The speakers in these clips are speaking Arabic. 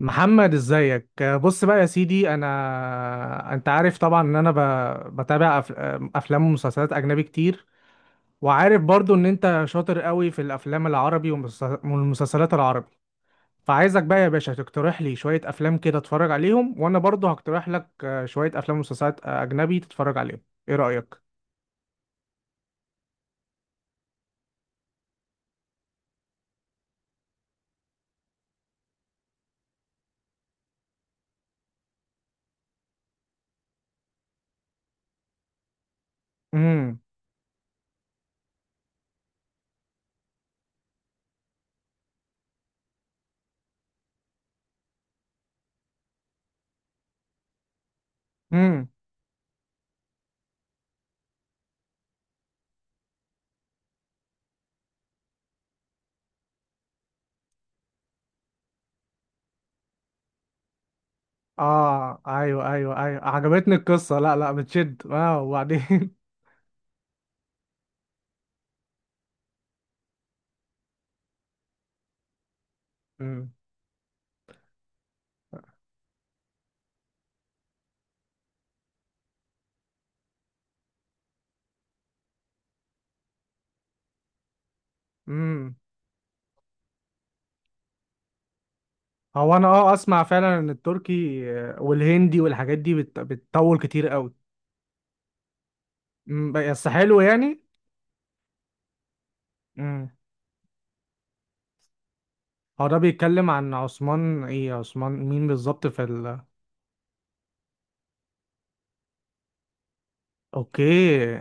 محمد، ازيك؟ بص بقى يا سيدي، انت عارف طبعا ان انا بتابع افلام ومسلسلات اجنبي كتير. وعارف برضو ان انت شاطر قوي في الافلام العربي والمسلسلات العربي. فعايزك بقى يا باشا تقترح لي شوية افلام كده اتفرج عليهم، وانا برضو هقترح لك شوية افلام ومسلسلات اجنبي تتفرج عليهم. ايه رأيك؟ امم. امم. اه، ايوه، ايوه، ايوه، عجبتني القصة. لا، لا بتشد. اه، وبعدين؟ امم. هو انا اسمع فعلا ان التركي والهندي والحاجات دي بتطول كتير قوي. بس حلو يعني. امم. هو ده بيتكلم عن عثمان؟ ايه، عثمان مين بالظبط في اوكي.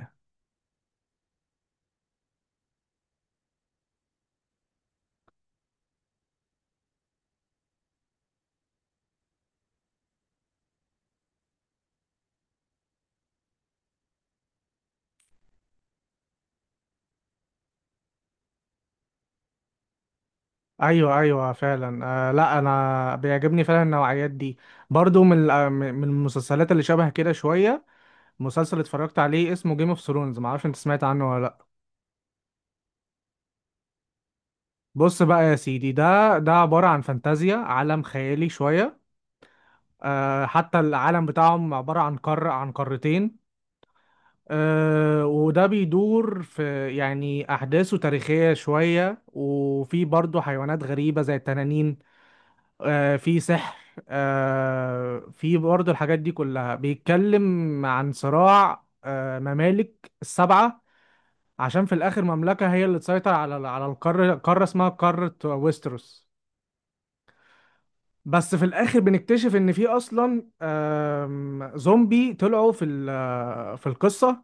ايوه، ايوه، فعلا. لا، انا بيعجبني فعلا النوعيات دي. برضو من المسلسلات اللي شبه كده شويه. مسلسل اتفرجت عليه اسمه جيم اوف ثرونز، معرفش انت سمعت عنه ولا لا؟ بص بقى يا سيدي، ده عباره عن فانتازيا، عالم خيالي شويه. حتى العالم بتاعهم عبارة عن قارة، عن قارتين. وده بيدور في، يعني أحداثه تاريخية شوية، وفي برضه حيوانات غريبة زي التنانين. في سحر. في برضه الحاجات دي كلها. بيتكلم عن صراع ممالك السبعة، عشان في الآخر مملكة هي اللي تسيطر على القارة، قارة اسمها قارة ويستروس. بس في الاخر بنكتشف ان في اصلا زومبي طلعوا في القصه.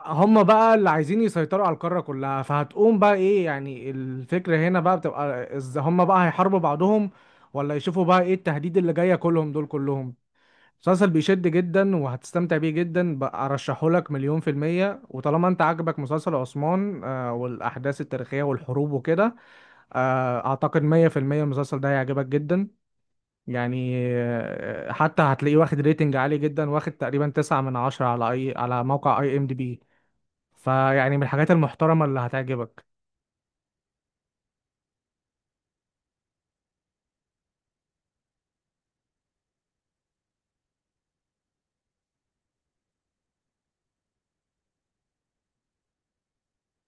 هم بقى اللي عايزين يسيطروا على القاره كلها. فهتقوم بقى ايه؟ يعني الفكره هنا بقى بتبقى هم بقى هيحاربوا بعضهم، ولا يشوفوا بقى ايه التهديد اللي جايه كلهم، دول كلهم. مسلسل بيشد جدا، وهتستمتع بيه جدا. بقى ارشحه لك مليون في المية. وطالما انت عاجبك مسلسل عثمان والاحداث التاريخية والحروب وكده، اعتقد 100% المسلسل ده هيعجبك جدا. يعني حتى هتلاقيه واخد ريتنج عالي جدا، واخد تقريبا 9/10 على على موقع IMDb. فيعني من الحاجات المحترمة اللي هتعجبك.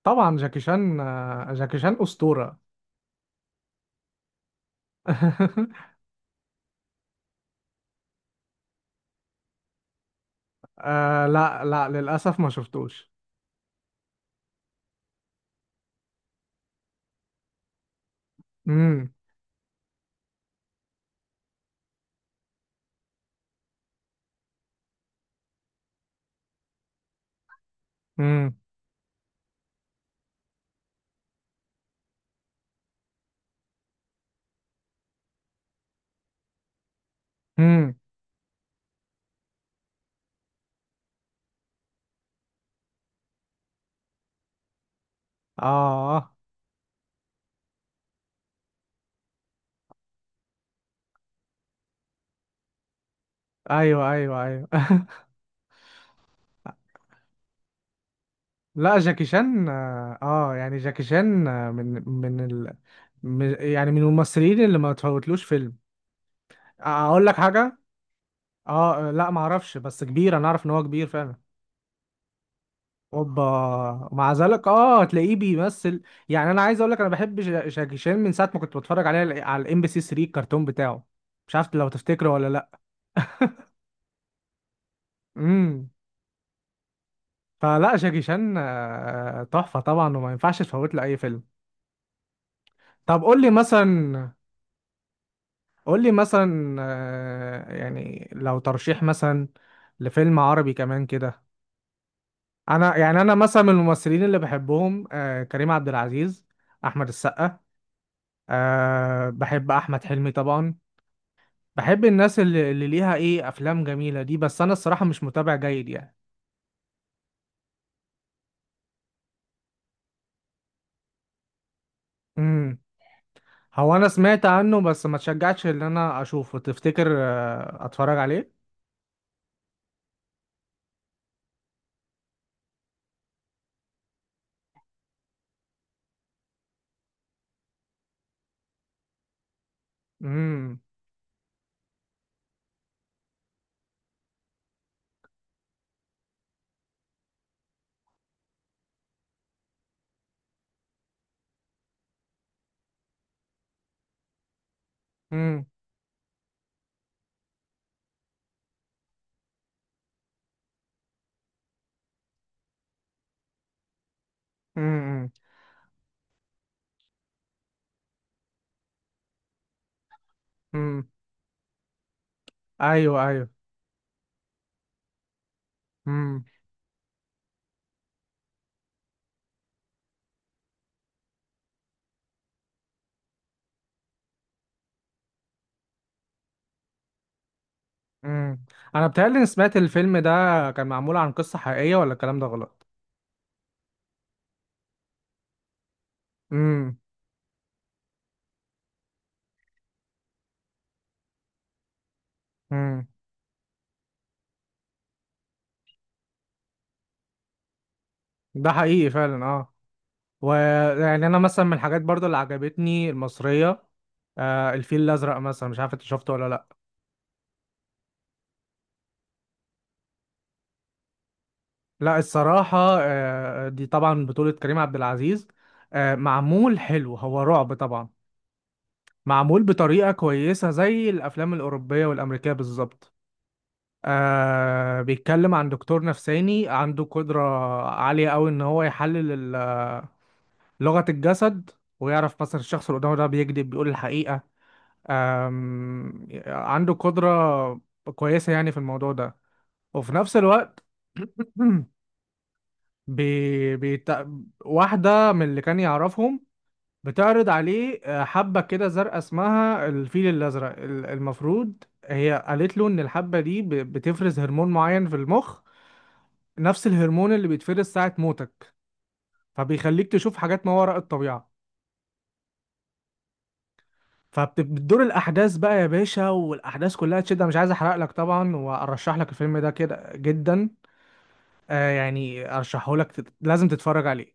طبعا جاكي شان جاكي شان أسطورة. لا، لا، للأسف ما شفتوش. امم. امم. امم. اه، ايوه، ايوه، ايوه. لا، جاكي شان يعني جاكي شان من يعني من الممثلين اللي ما تفوتلوش فيلم. اقول لك حاجة، اه لا، معرفش، بس كبير. انا اعرف ان هو كبير فعلا. اوبا. ومع ذلك هتلاقيه بيمثل. يعني انا عايز اقول لك، انا بحب شاكي شان من ساعه ما كنت بتفرج عليه على MBC 3، الكرتون بتاعه. مش عارف لو تفتكره ولا لا؟ امم. فلا، شاكي شان تحفه طبعا، وما ينفعش تفوت له اي فيلم. طب قول لي مثلا، قول لي مثلا يعني لو ترشيح مثلا لفيلم عربي كمان كده. يعني انا مثلا من الممثلين اللي بحبهم كريم عبد العزيز، احمد السقا. بحب احمد حلمي طبعا. بحب الناس اللي ليها ايه افلام جميله دي. بس انا الصراحه مش متابع جيد يعني. امم. هو انا سمعت عنه بس ما تشجعتش ان انا اشوفه. تفتكر اتفرج عليه؟ امم. امم. امم. امم. ايوه، ايوه. امم. امم. انا بتهيألي اني سمعت الفيلم ده كان معمول عن قصه حقيقيه، ولا الكلام ده غلط؟ امم. امم. ده حقيقي فعلا، اه. ويعني انا مثلا من الحاجات برضو اللي عجبتني المصريه، الفيل الازرق مثلا. مش عارف انت شفته ولا لا؟ لا، الصراحه دي طبعا بطوله كريم عبد العزيز. معمول حلو، هو رعب طبعا. معمول بطريقه كويسه زي الافلام الاوروبيه والامريكيه بالظبط. بيتكلم عن دكتور نفساني عنده قدره عاليه قوي ان هو يحلل لغه الجسد، ويعرف مثلا الشخص اللي قدامه ده بيكذب بيقول الحقيقه. عنده قدرة كويسة يعني في الموضوع ده. وفي نفس الوقت بي بيت... واحدة من اللي كان يعرفهم بتعرض عليه حبة كده زرقاء اسمها الفيل الأزرق. المفروض هي قالت له إن الحبة دي بتفرز هرمون معين في المخ، نفس الهرمون اللي بيتفرز ساعة موتك، فبيخليك تشوف حاجات ما وراء الطبيعة. فبتدور الأحداث بقى يا باشا، والأحداث كلها تشد. أنا مش عايز أحرق لك طبعا، وأرشح لك الفيلم ده كده جدا. يعني ارشحه لك، لازم تتفرج عليه.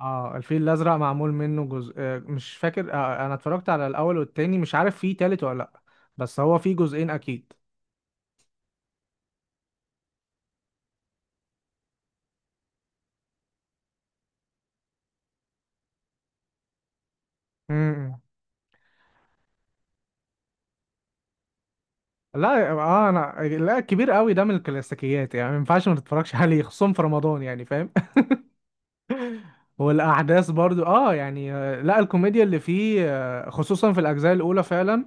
اه، الفيل الازرق معمول منه جزء. مش فاكر. انا اتفرجت على الاول والتاني، مش عارف فيه تالت ولا لا. بس هو فيه جزئين اكيد. امم. لا، انا لا، كبير قوي ده من الكلاسيكيات، يعني ما ينفعش ما تتفرجش عليه خصوصا في رمضان، يعني فاهم؟ والاحداث برضو، يعني لا، الكوميديا اللي فيه خصوصا في الاجزاء الاولى فعلا.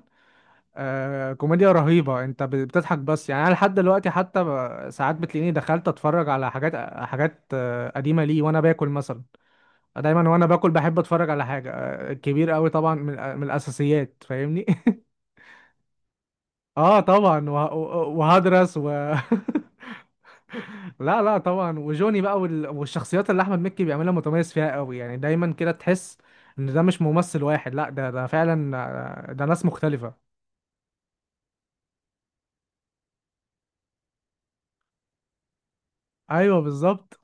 كوميديا رهيبة. انت بتضحك، بس يعني انا لحد دلوقتي حتى ساعات بتلاقيني دخلت اتفرج على حاجات قديمة لي وانا باكل مثلا. دايما وانا باكل بحب اتفرج على حاجة كبير قوي طبعا، من الاساسيات، فاهمني؟ اه طبعا، وهدرس، و لا، لا، طبعا، وجوني بقى والشخصيات اللي احمد مكي بيعملها متميز فيها قوي، يعني دايما كده تحس ان ده مش ممثل واحد، لا ده فعلا ده ناس مختلفة. ايوه، بالظبط.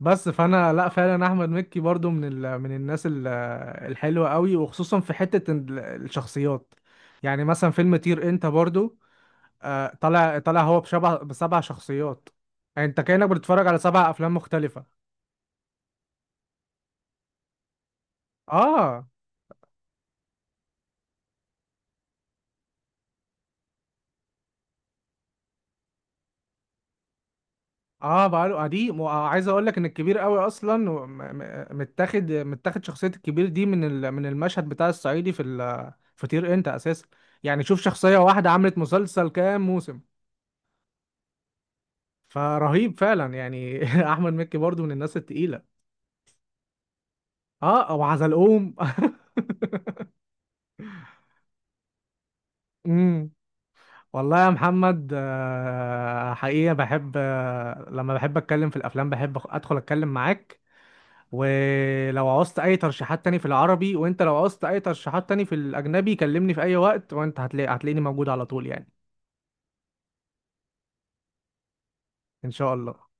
بس فانا، لا فعلا، احمد مكي برضو من الناس الحلوه قوي، وخصوصا في حته الشخصيات. يعني مثلا فيلم طير انت برضو، طالع طالع. هو بشبه بسبع شخصيات، يعني انت كانك بتتفرج على 7 افلام مختلفه. اه، اه، بقاله قديم. وعايز اقول لك ان الكبير قوي اصلا متاخد شخصيه الكبير دي من المشهد بتاع الصعيدي في طير انت اساسا. يعني شوف، شخصيه واحده عملت مسلسل كام موسم. فرهيب فعلا يعني. احمد مكي برضو من الناس التقيله. اه، او حزلقوم. امم. والله يا محمد حقيقه بحب لما بحب اتكلم في الافلام بحب ادخل اتكلم معاك. ولو عوزت اي ترشيحات تاني في العربي، وانت لو عوزت اي ترشيحات تاني في الاجنبي، كلمني في اي وقت، وانت هتلاقيني موجود على طول يعني. ان شاء الله.